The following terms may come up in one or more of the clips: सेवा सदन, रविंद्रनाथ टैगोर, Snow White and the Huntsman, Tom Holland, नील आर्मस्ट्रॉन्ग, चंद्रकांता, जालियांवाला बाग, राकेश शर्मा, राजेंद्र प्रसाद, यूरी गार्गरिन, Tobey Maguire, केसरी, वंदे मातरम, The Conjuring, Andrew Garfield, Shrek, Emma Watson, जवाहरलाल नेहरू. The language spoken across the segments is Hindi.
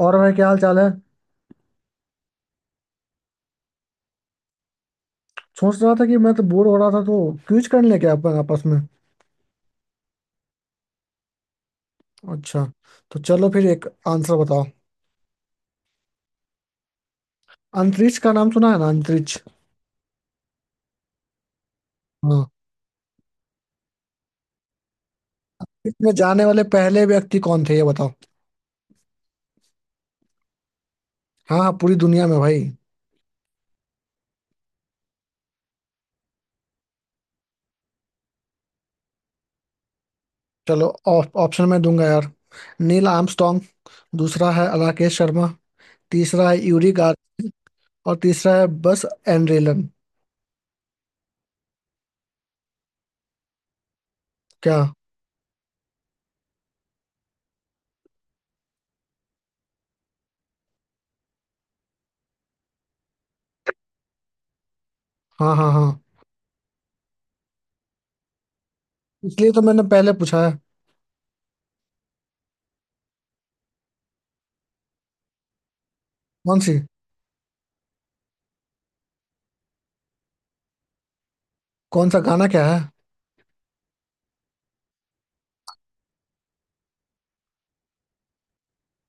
और भाई क्या हाल चाल है। सोच रहा था कि मैं तो बोर हो रहा था तो क्विज कर लें क्या अपन आपस में। अच्छा। तो चलो फिर एक आंसर बताओ। अंतरिक्ष का नाम सुना है ना, अंतरिक्ष। हाँ। इसमें जाने वाले पहले व्यक्ति कौन थे, ये बताओ। हाँ हाँ, पूरी दुनिया में भाई। चलो ऑप्शन मैं दूंगा यार। नील आर्मस्ट्रॉन्ग। दूसरा है राकेश शर्मा। तीसरा है यूरी गार्ग। और तीसरा है बस एंड्रेलन। क्या? हाँ हाँ हाँ। इसलिए तो मैंने पहले पूछा है। कौन सी? कौन सा गाना क्या है?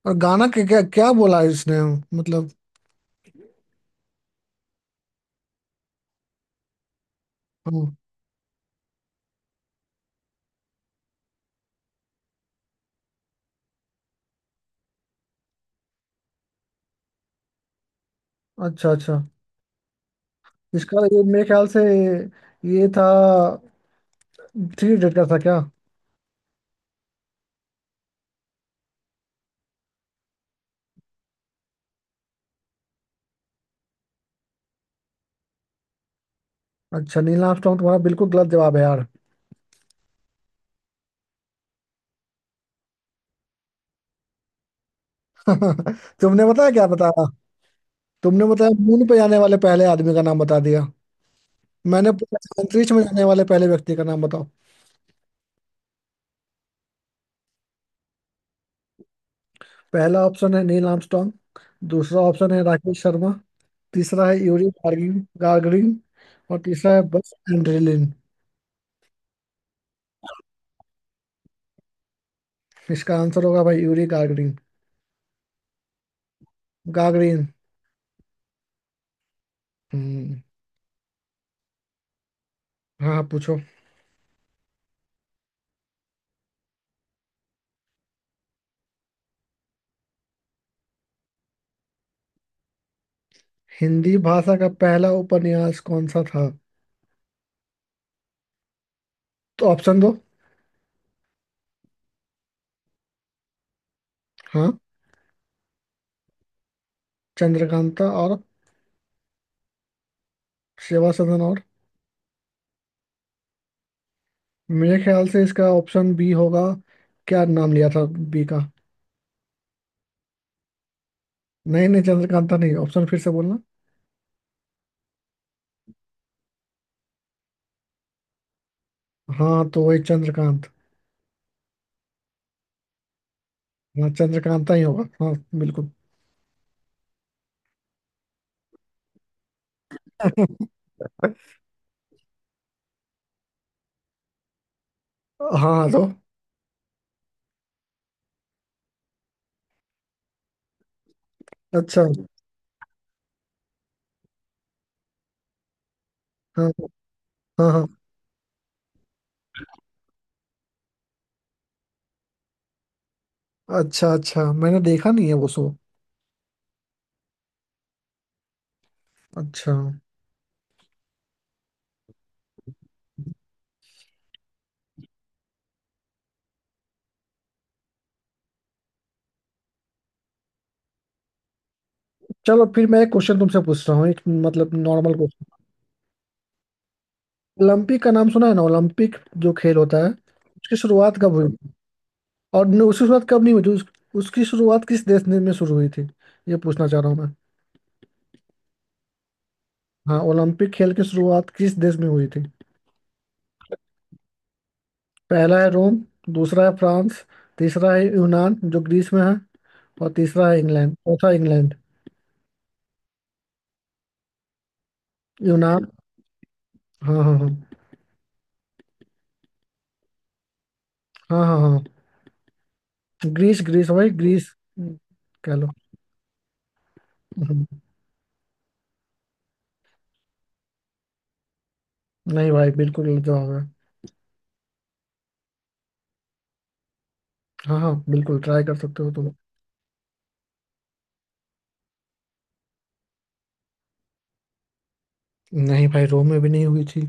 और गाना क्या क्या, क्या बोला है इसने? मतलब। हम्म। अच्छा, अच्छा। इसका ये मेरे ख्याल से ये था। थ्री इडियट का था क्या? अच्छा, नील आर्मस्ट्रॉन्ग तुम्हारा बिल्कुल गलत जवाब है यार। तुमने बताया क्या बताया। तुमने बताया मून पे जाने वाले पहले आदमी का नाम बता दिया। मैंने पूछा अंतरिक्ष में जाने वाले पहले व्यक्ति का नाम बताओ। पहला ऑप्शन है नील आर्मस्ट्रॉन्ग। दूसरा ऑप्शन है राकेश शर्मा। तीसरा है यूरी गार्गिन गार्गरिन। और तीसरा है बस एंड्रेलिन। इसका आंसर होगा भाई यूरी गार्गरिन। गार्गरिन। हम्म। हाँ, आप पूछो। हिंदी भाषा का पहला उपन्यास कौन सा था? तो ऑप्शन दो। हाँ। चंद्रकांता और। सेवा सदन और। मेरे ख्याल से इसका ऑप्शन बी होगा। क्या नाम लिया था बी का? नहीं नहीं, चंद्रकांता नहीं, ऑप्शन फिर से बोलना। हाँ, तो वही चंद्रकांत। हाँ, चंद्रकांता ही होगा, हाँ। बिल्कुल। हाँ हाँ। तो अच्छा। हाँ हाँ हाँ। अच्छा अच्छा, मैंने देखा नहीं है वो शो। अच्छा। चलो फिर मैं एक क्वेश्चन तुमसे पूछ रहा हूँ, एक मतलब नॉर्मल। ओलंपिक का नाम सुना है ना, ओलंपिक। जो खेल होता है उसकी शुरुआत कब हुई? और न, उसकी शुरुआत कब नहीं हुई थी, उसकी शुरुआत किस देश ने में शुरू हुई थी? ये पूछना चाह रहा हूँ मैं। हाँ, ओलंपिक खेल की शुरुआत किस देश में हुई थी? पहला है रोम। दूसरा है फ्रांस। तीसरा है यूनान जो ग्रीस में है। और तीसरा है इंग्लैंड, चौथा इंग्लैंड। यूनान। हाँ हाँ हाँ। हाँ हाँ हाँ। ग्रीस, ग्रीस भाई, ग्रीस कह लो। हम्म, नहीं भाई, बिल्कुल गलत जवाब है। हाँ हाँ, बिल्कुल ट्राई कर सकते हो तुम। नहीं भाई, रोम में भी नहीं हुई थी।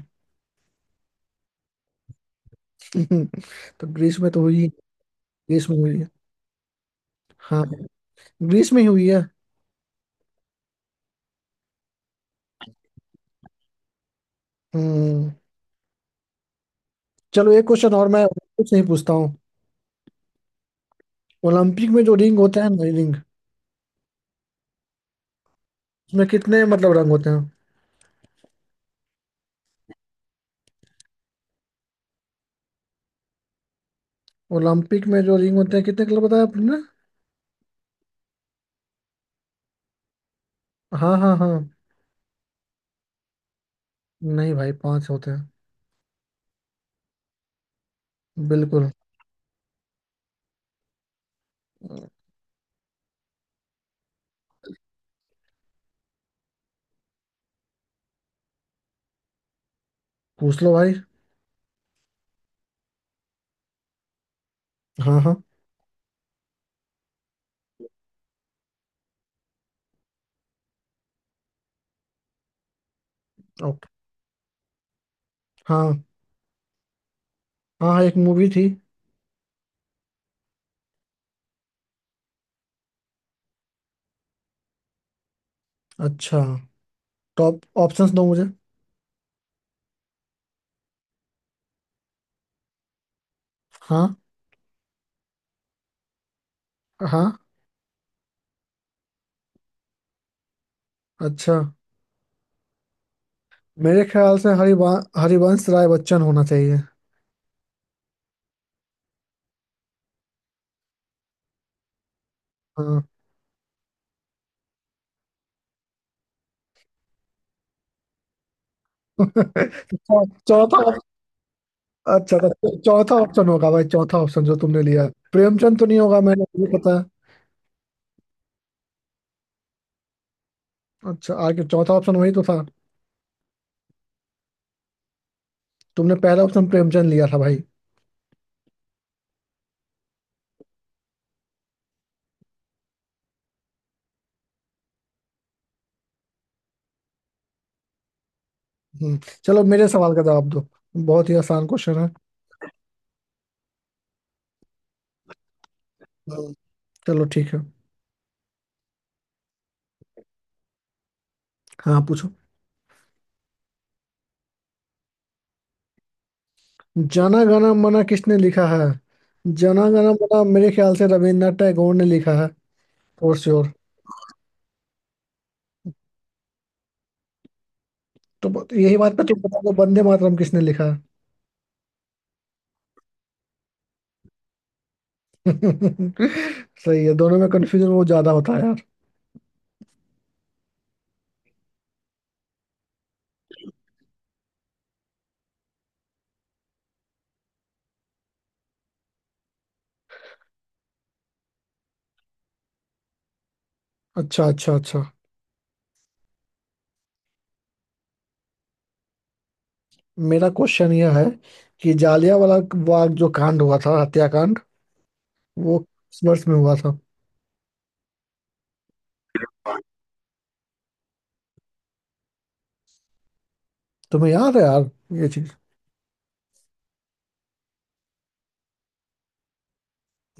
तो ग्रीस में तो हुई। ग्रीस में हुई है। हाँ, ग्रीस में ही हुई है। हम्म चलो एक क्वेश्चन और मैं कुछ नहीं पूछता हूँ। ओलंपिक में जो रिंग होता है ना, रिंग। उसमें कितने मतलब रंग होते हैं? ओलंपिक में जो रिंग होते हैं कितने कलर बताया आपने? हाँ हाँ हाँ। नहीं भाई, पांच होते हैं। बिल्कुल। पूछ लो भाई। हाँ हाँ। ओके। हाँ हाँ हाँ, एक मूवी थी। अच्छा। टॉप ऑप्शंस दो मुझे। हाँ। हाँ। अच्छा। मेरे ख्याल से हरिवा हरिवंश राय बच्चन होना चाहिए। हाँ। चौथा ऑप-। अच्छा, तो चौथा ऑप्शन होगा भाई, चौथा ऑप्शन जो तुमने लिया प्रेमचंद तो नहीं होगा मैंने ये पता है। अच्छा, आगे चौथा ऑप्शन वही तो था। तुमने पहला ऑप्शन प्रेमचंद लिया था भाई। हम्म, चलो मेरे सवाल का जवाब दो। बहुत ही आसान क्वेश्चन है। हम्म, चलो ठीक है। हाँ पूछो। जना गण मना किसने लिखा है? जना गण मना मेरे ख्याल से रविन्द्रनाथ टैगोर ने लिखा है। For sure. तो यही बात पे तुम बता दो, वंदे मातरम किसने लिखा है? सही है, दोनों में कंफ्यूजन वो ज्यादा होता है यार। अच्छा अच्छा अच्छा। मेरा क्वेश्चन यह है कि जालियांवाला बाग जो कांड हुआ था, हत्याकांड, वो किस वर्ष में हुआ था? तुम्हें याद है यार ये चीज?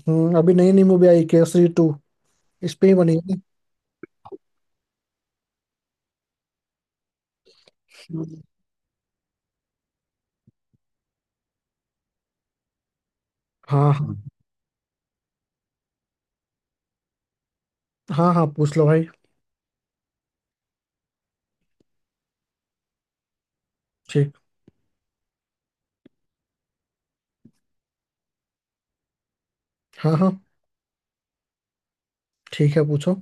अभी नई नई मूवी आई केसरी 2, इस पे ही बनी है ना? हाँ हाँ हाँ। हाँ पूछ लो भाई। ठीक। हाँ हाँ, ठीक है पूछो।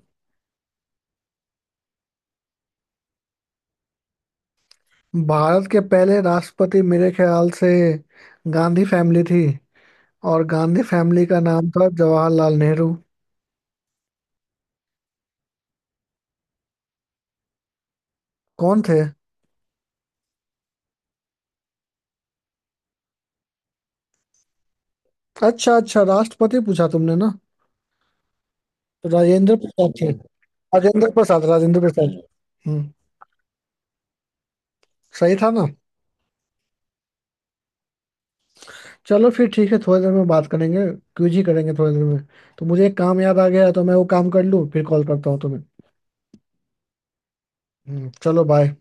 भारत के पहले राष्ट्रपति मेरे ख्याल से गांधी फैमिली थी। और गांधी फैमिली का नाम था जवाहरलाल नेहरू। कौन थे? अच्छा अच्छा, राष्ट्रपति पूछा तुमने ना। तो राजेंद्र प्रसाद थे। राजेंद्र प्रसाद, राजेंद्र प्रसाद। हम्म। हम्म सही था ना? चलो फिर ठीक है, थोड़ी देर में बात करेंगे। क्यूजी करेंगे थोड़ी देर में। तो मुझे एक काम याद आ गया है, तो मैं वो काम कर लूँ फिर कॉल करता हूँ तुम्हें। चलो बाय।